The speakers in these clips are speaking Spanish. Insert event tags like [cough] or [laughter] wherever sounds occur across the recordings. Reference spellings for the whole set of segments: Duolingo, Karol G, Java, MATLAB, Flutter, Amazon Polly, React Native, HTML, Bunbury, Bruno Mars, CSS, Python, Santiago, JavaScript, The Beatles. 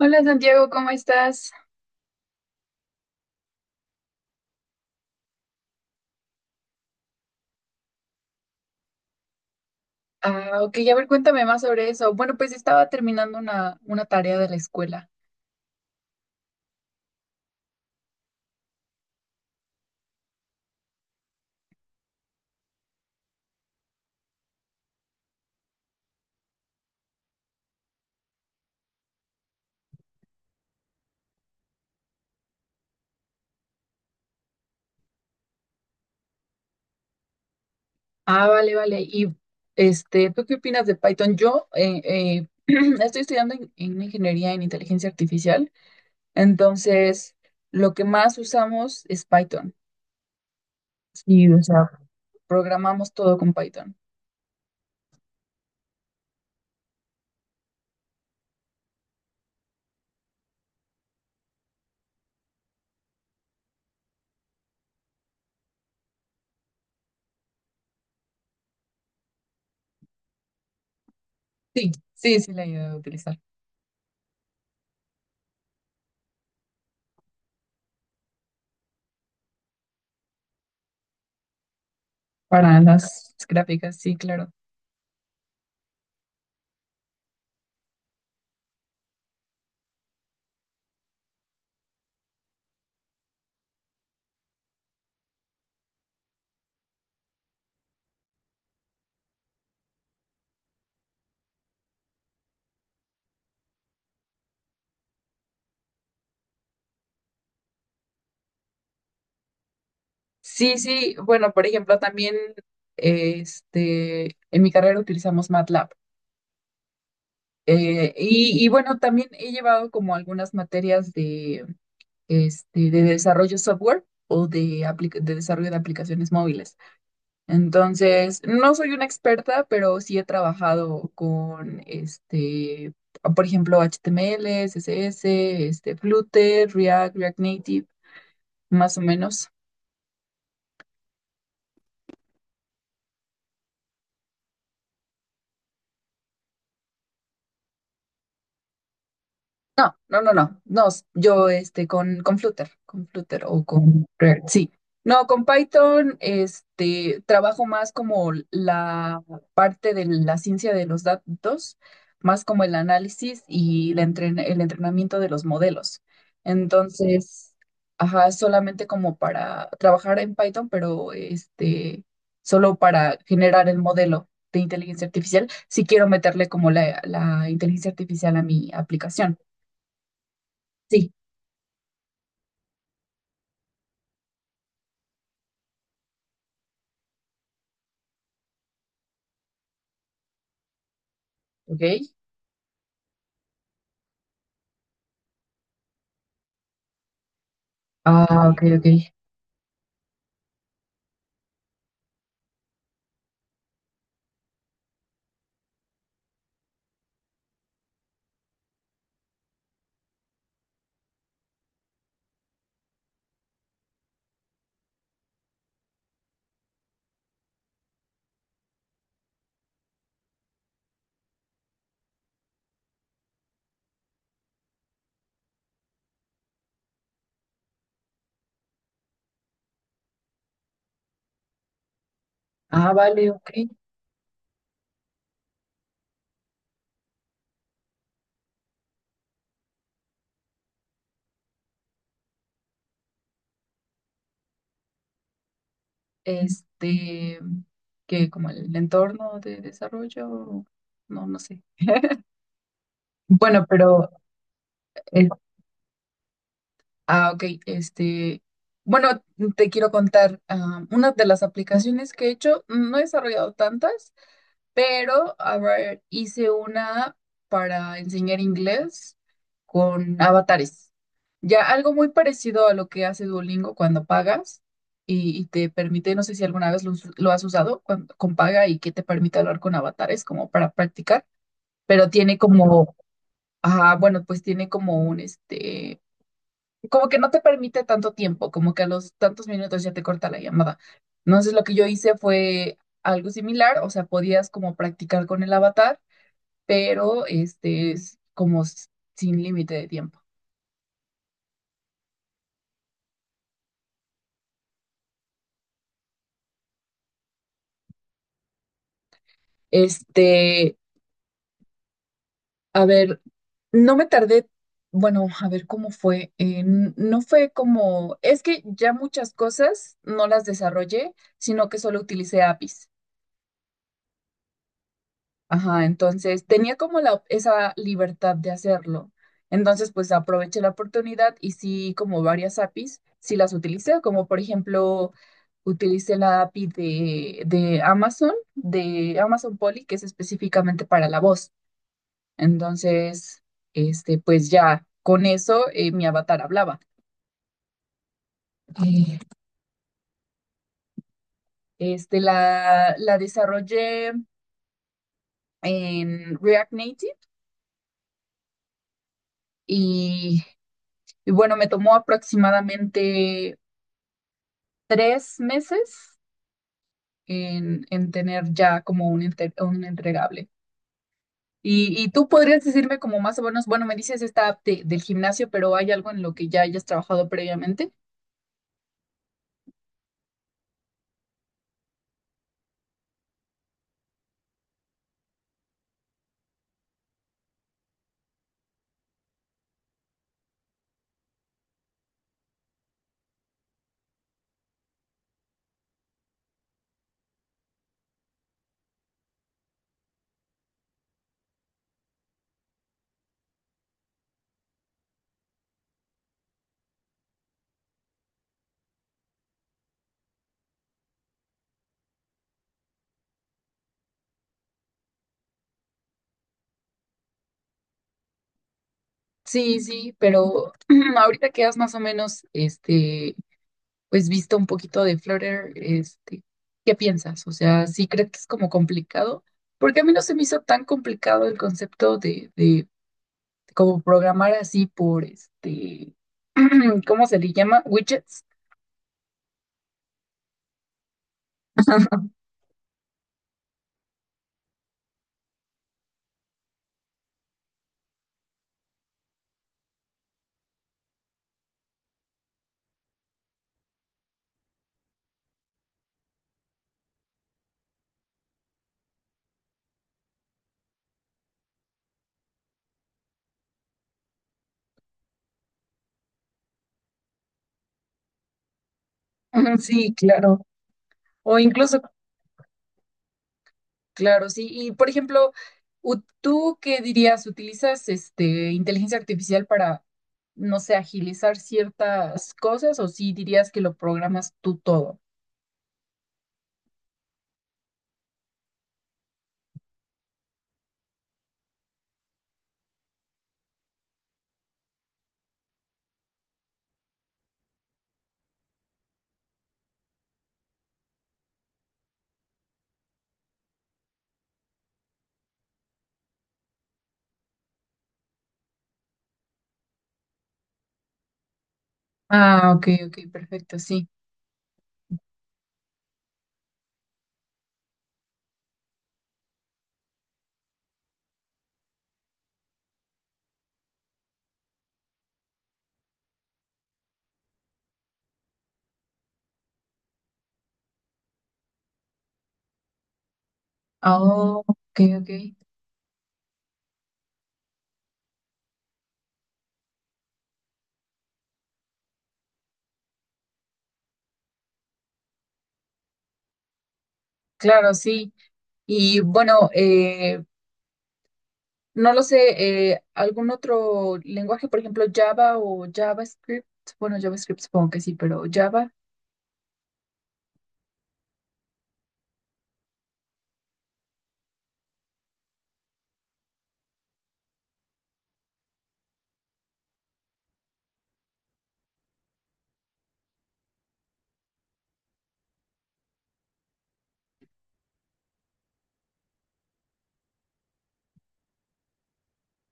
Hola Santiago, ¿cómo estás? Ah, ok, a ver, cuéntame más sobre eso. Bueno, pues estaba terminando una tarea de la escuela. Ah, vale, vale. Y este, ¿tú qué opinas de Python? Yo [clears throat] estoy estudiando en ingeniería en inteligencia artificial, entonces lo que más usamos es Python. Sí, o sea, programamos todo con Python. Sí, sí, sí, la he ido a utilizar para las gráficas, sí, claro. Sí, sí, bueno, por ejemplo, también este, en mi carrera utilizamos MATLAB. Y bueno, también he llevado como algunas materias de, este, de desarrollo software o de, de desarrollo de aplicaciones móviles. Entonces, no soy una experta, pero sí he trabajado con, este, por ejemplo, HTML, CSS, este, Flutter, React, React Native, más o menos. No, no, no, no, no, yo este con, con Flutter o con React, sí. No, con Python este trabajo más como la parte de la ciencia de los datos, más como el análisis y la el entrenamiento de los modelos. Entonces, ajá, solamente como para trabajar en Python, pero este solo para generar el modelo de inteligencia artificial, si quiero meterle como la inteligencia artificial a mi aplicación. Sí. ¿Ok? Ah, ok, ok. Ah, vale, ok. Este, que como el entorno de desarrollo, no, no sé. Bueno, pero, eh, ah, ok, este, bueno, te quiero contar, ah, una de las aplicaciones que he hecho, no he desarrollado tantas. Pero, a ver, hice una para enseñar inglés con avatares. Ya algo muy parecido a lo que hace Duolingo cuando pagas y te permite, no sé si alguna vez lo, lo has usado cuando con paga y que te permite hablar con avatares como para practicar, pero tiene como, ah, bueno, pues tiene como un, este, como que no te permite tanto tiempo, como que a los tantos minutos ya te corta la llamada. Entonces lo que yo hice fue algo similar, o sea, podías como practicar con el avatar, pero este es como sin límite de tiempo. Este, a ver, no me tardé, bueno, a ver cómo fue. No fue como, es que ya muchas cosas no las desarrollé, sino que solo utilicé APIs. Ajá, entonces tenía como la, esa libertad de hacerlo. Entonces, pues aproveché la oportunidad y sí, como varias APIs, sí las utilicé, como por ejemplo, utilicé la API de Amazon, de Amazon Polly que es específicamente para la voz. Entonces, este, pues ya con eso mi avatar hablaba. Eh, Este, la desarrollé en React Native y, y bueno, me tomó aproximadamente tres meses en tener ya como un, un entregable. Y tú podrías decirme como más o menos, bueno, me dices esta app del gimnasio, pero hay algo en lo que ya hayas trabajado previamente. Sí, sí, pero [clears throat] ahorita que has más o menos, este, pues visto un poquito de Flutter, este, ¿qué piensas? O sea, ¿sí crees que es como complicado? Porque a mí no se me hizo tan complicado el concepto de como programar así por, este, [clears throat] ¿cómo se le llama? Widgets. Ujú, sí, claro. O incluso, claro, sí. Y por ejemplo, ¿tú qué dirías? ¿Utilizas este inteligencia artificial para, no sé, agilizar ciertas cosas o sí dirías que lo programas tú todo? Ah, ok, ok, perfecto, sí. Ah, ok, ok. Claro, sí. Y bueno, no lo sé, algún otro lenguaje, por ejemplo, Java o JavaScript. Bueno, JavaScript supongo que sí, pero Java.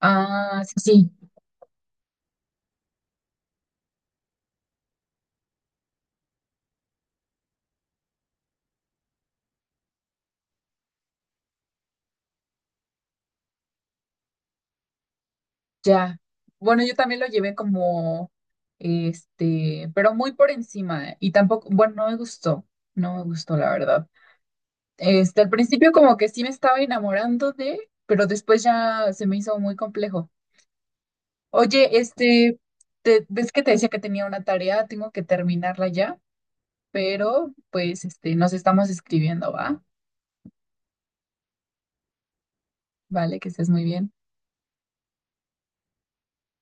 Ah, sí, sí, ya. Bueno, yo también lo llevé como, este, pero muy por encima. Y tampoco, bueno, no me gustó, la verdad. Este, al principio como que sí me estaba enamorando de, pero después ya se me hizo muy complejo. Oye, este, ves que te decía que tenía una tarea, tengo que terminarla ya, pero pues este, nos estamos escribiendo, ¿va? Vale, que estés muy bien.